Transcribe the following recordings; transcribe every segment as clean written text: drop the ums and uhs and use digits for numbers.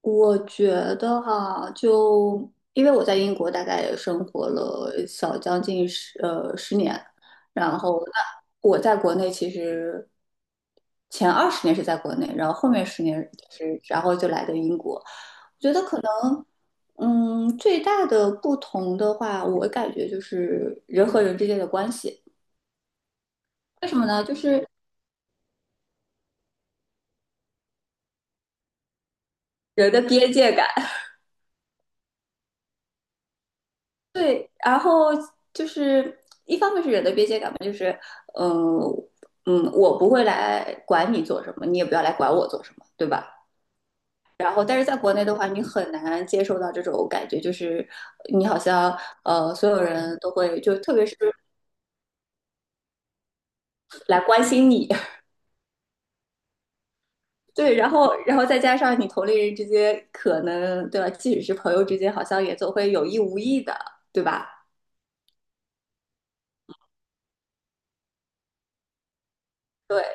我觉得哈，就因为我在英国大概也生活了小将近十年，然后我在国内其实前20年是在国内，然后后面十年是然后就来的英国。我觉得可能，最大的不同的话，我感觉就是人和人之间的关系。为什么呢？就是人的边界感。对，然后就是一方面是人的边界感吧，就是，嗯、我不会来管你做什么，你也不要来管我做什么，对吧？然后，但是在国内的话，你很难接受到这种感觉，就是你好像所有人都会，就特别是来关心你，对，然后，然后再加上你同龄人之间可能，对吧？即使是朋友之间，好像也总会有意无意的，对吧？对，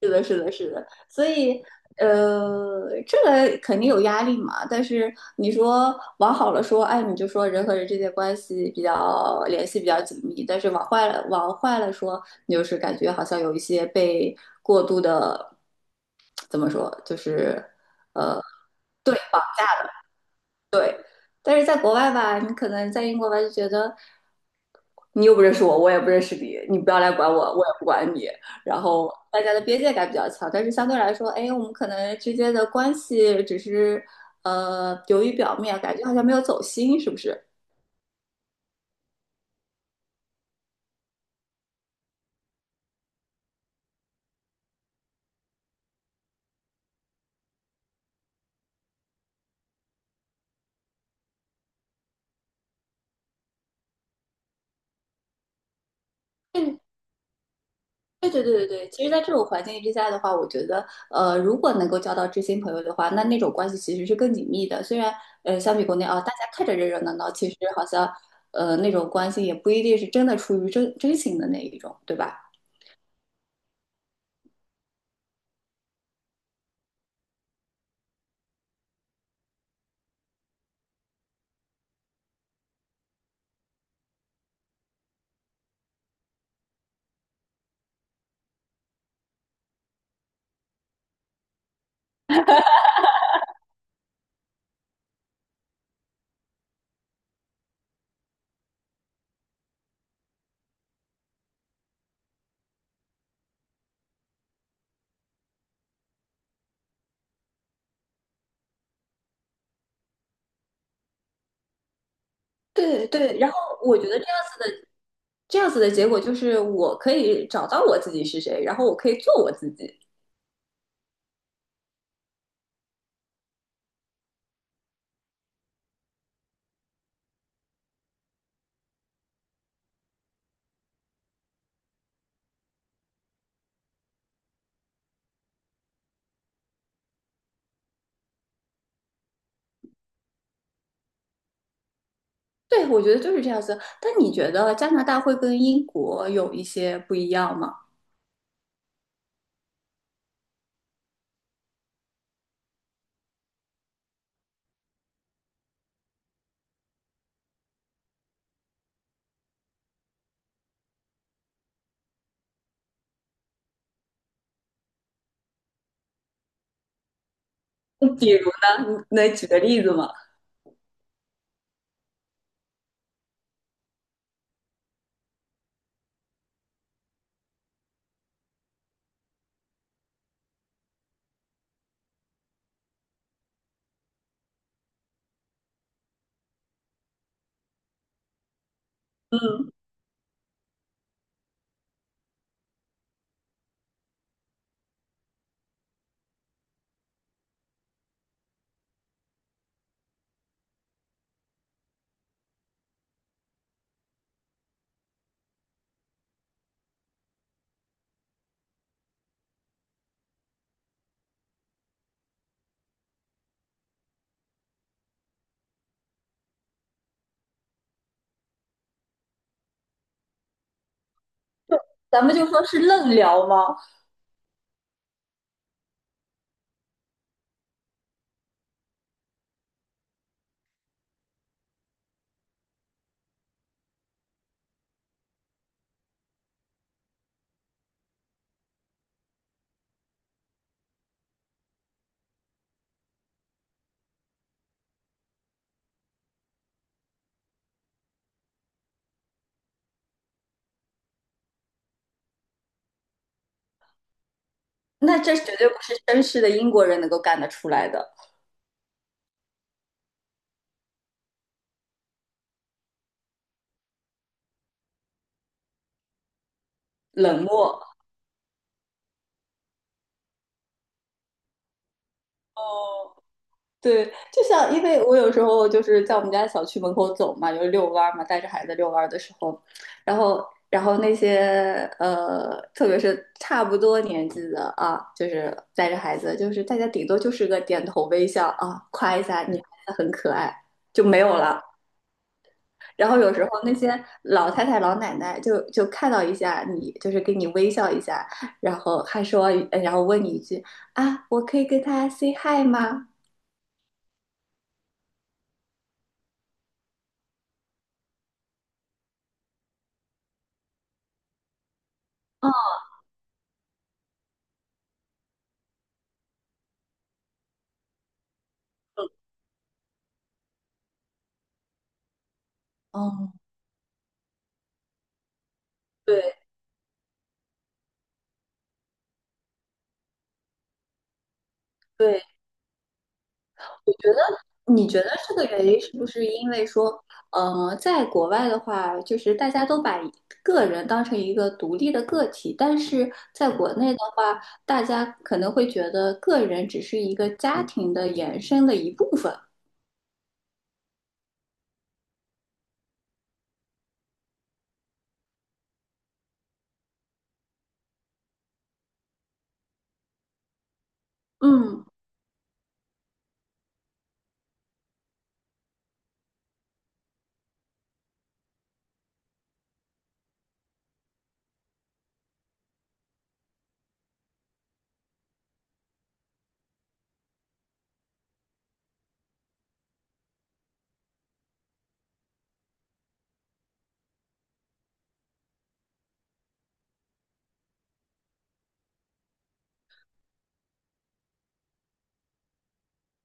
是的，是的，是的，所以这个肯定有压力嘛。但是你说往好了说，哎，你就说人和人之间关系比较联系比较紧密；但是往坏了，往坏了说，你就是感觉好像有一些被过度的，怎么说，就是对对。但是在国外吧，你可能在英国吧，就觉得。你又不认识我，我也不认识你，你不要来管我，我也不管你。然后大家的边界感比较强，但是相对来说，哎，我们可能之间的关系只是流于表面，感觉好像没有走心，是不是？嗯，对对对对对。其实，在这种环境之下的话，我觉得如果能够交到知心朋友的话，那那种关系其实是更紧密的。虽然相比国内啊，大家看着热热闹闹，其实好像那种关系也不一定是真的出于真真心的那一种，对吧？对对，然后我觉得这样这样子的结果就是我可以找到我自己是谁，然后我可以做我自己。对，我觉得就是这样子。但你觉得加拿大会跟英国有一些不一样吗？比如呢，你能举个例子吗？咱们就说是愣聊吗？那这绝对不是绅士的英国人能够干得出来的，冷漠。哦，对，就像因为我有时候就是在我们家小区门口走嘛，就是遛弯儿嘛，带着孩子遛弯儿的时候，然后那些特别是差不多年纪的啊，就是带着孩子，就是大家顶多就是个点头微笑啊，夸一下你孩子很可爱就没有了。然后有时候那些老太太、老奶奶就看到一下你，就是给你微笑一下，然后还说，然后问你一句啊，我可以跟他 say hi 吗？嗯，对。对，你觉得你觉得这个原因是不是因为说，在国外的话，就是大家都把个人当成一个独立的个体，但是在国内的话，大家可能会觉得个人只是一个家庭的延伸的一部分。嗯，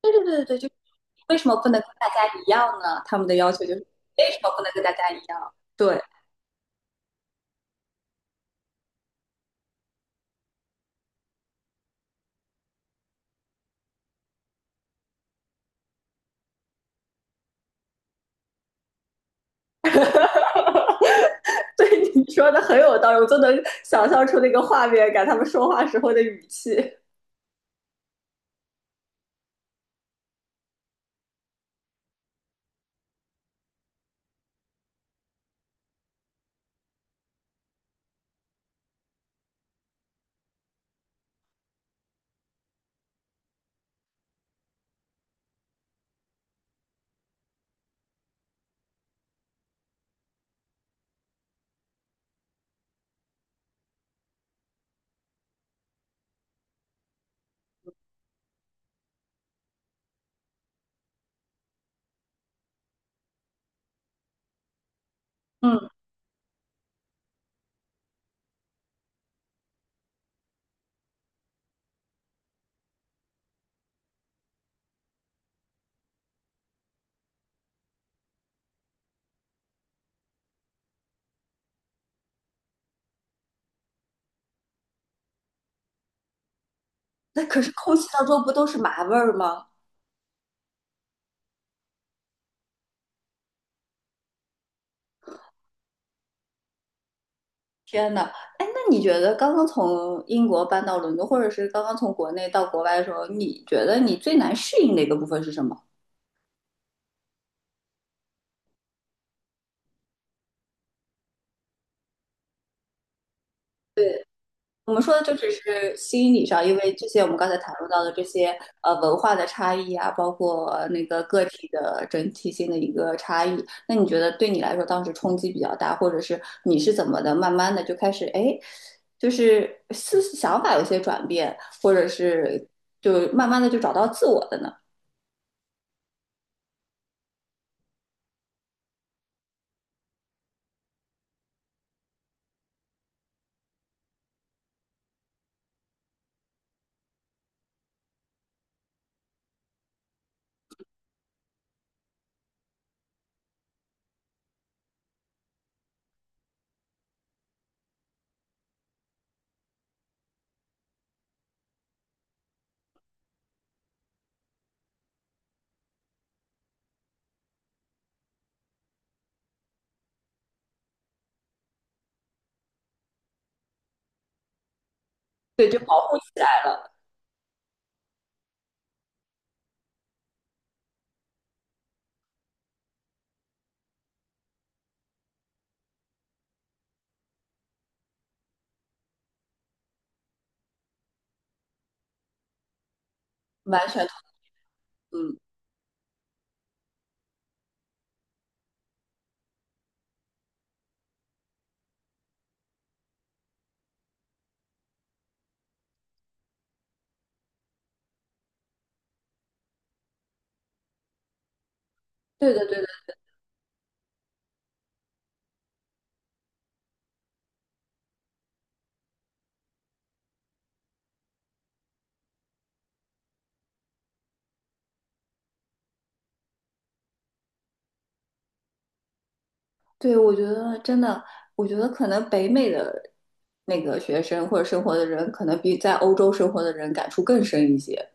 对对对对对，就是为什么不能跟大家一样呢？他们的要求就是为什么不能跟大家一样？对，对，你说的很有道理，我都能想象出那个画面感，他们说话时候的语气。嗯。那可是空气当中不都是麻味儿吗？天呐，哎，那你觉得刚刚从英国搬到伦敦，或者是刚刚从国内到国外的时候，你觉得你最难适应的一个部分是什么？我们说的就只是心理上，因为这些我们刚才谈论到的这些文化的差异啊，包括那个个体的整体性的一个差异。那你觉得对你来说当时冲击比较大，或者是你是怎么的，慢慢的就开始哎，诶就是思想法有些转变，或者是就慢慢的就找到自我的呢？对，就保护起来了，完全同嗯，对对对。对，我觉得真的，我觉得可能北美的那个学生或者生活的人，可能比在欧洲生活的人感触更深一些。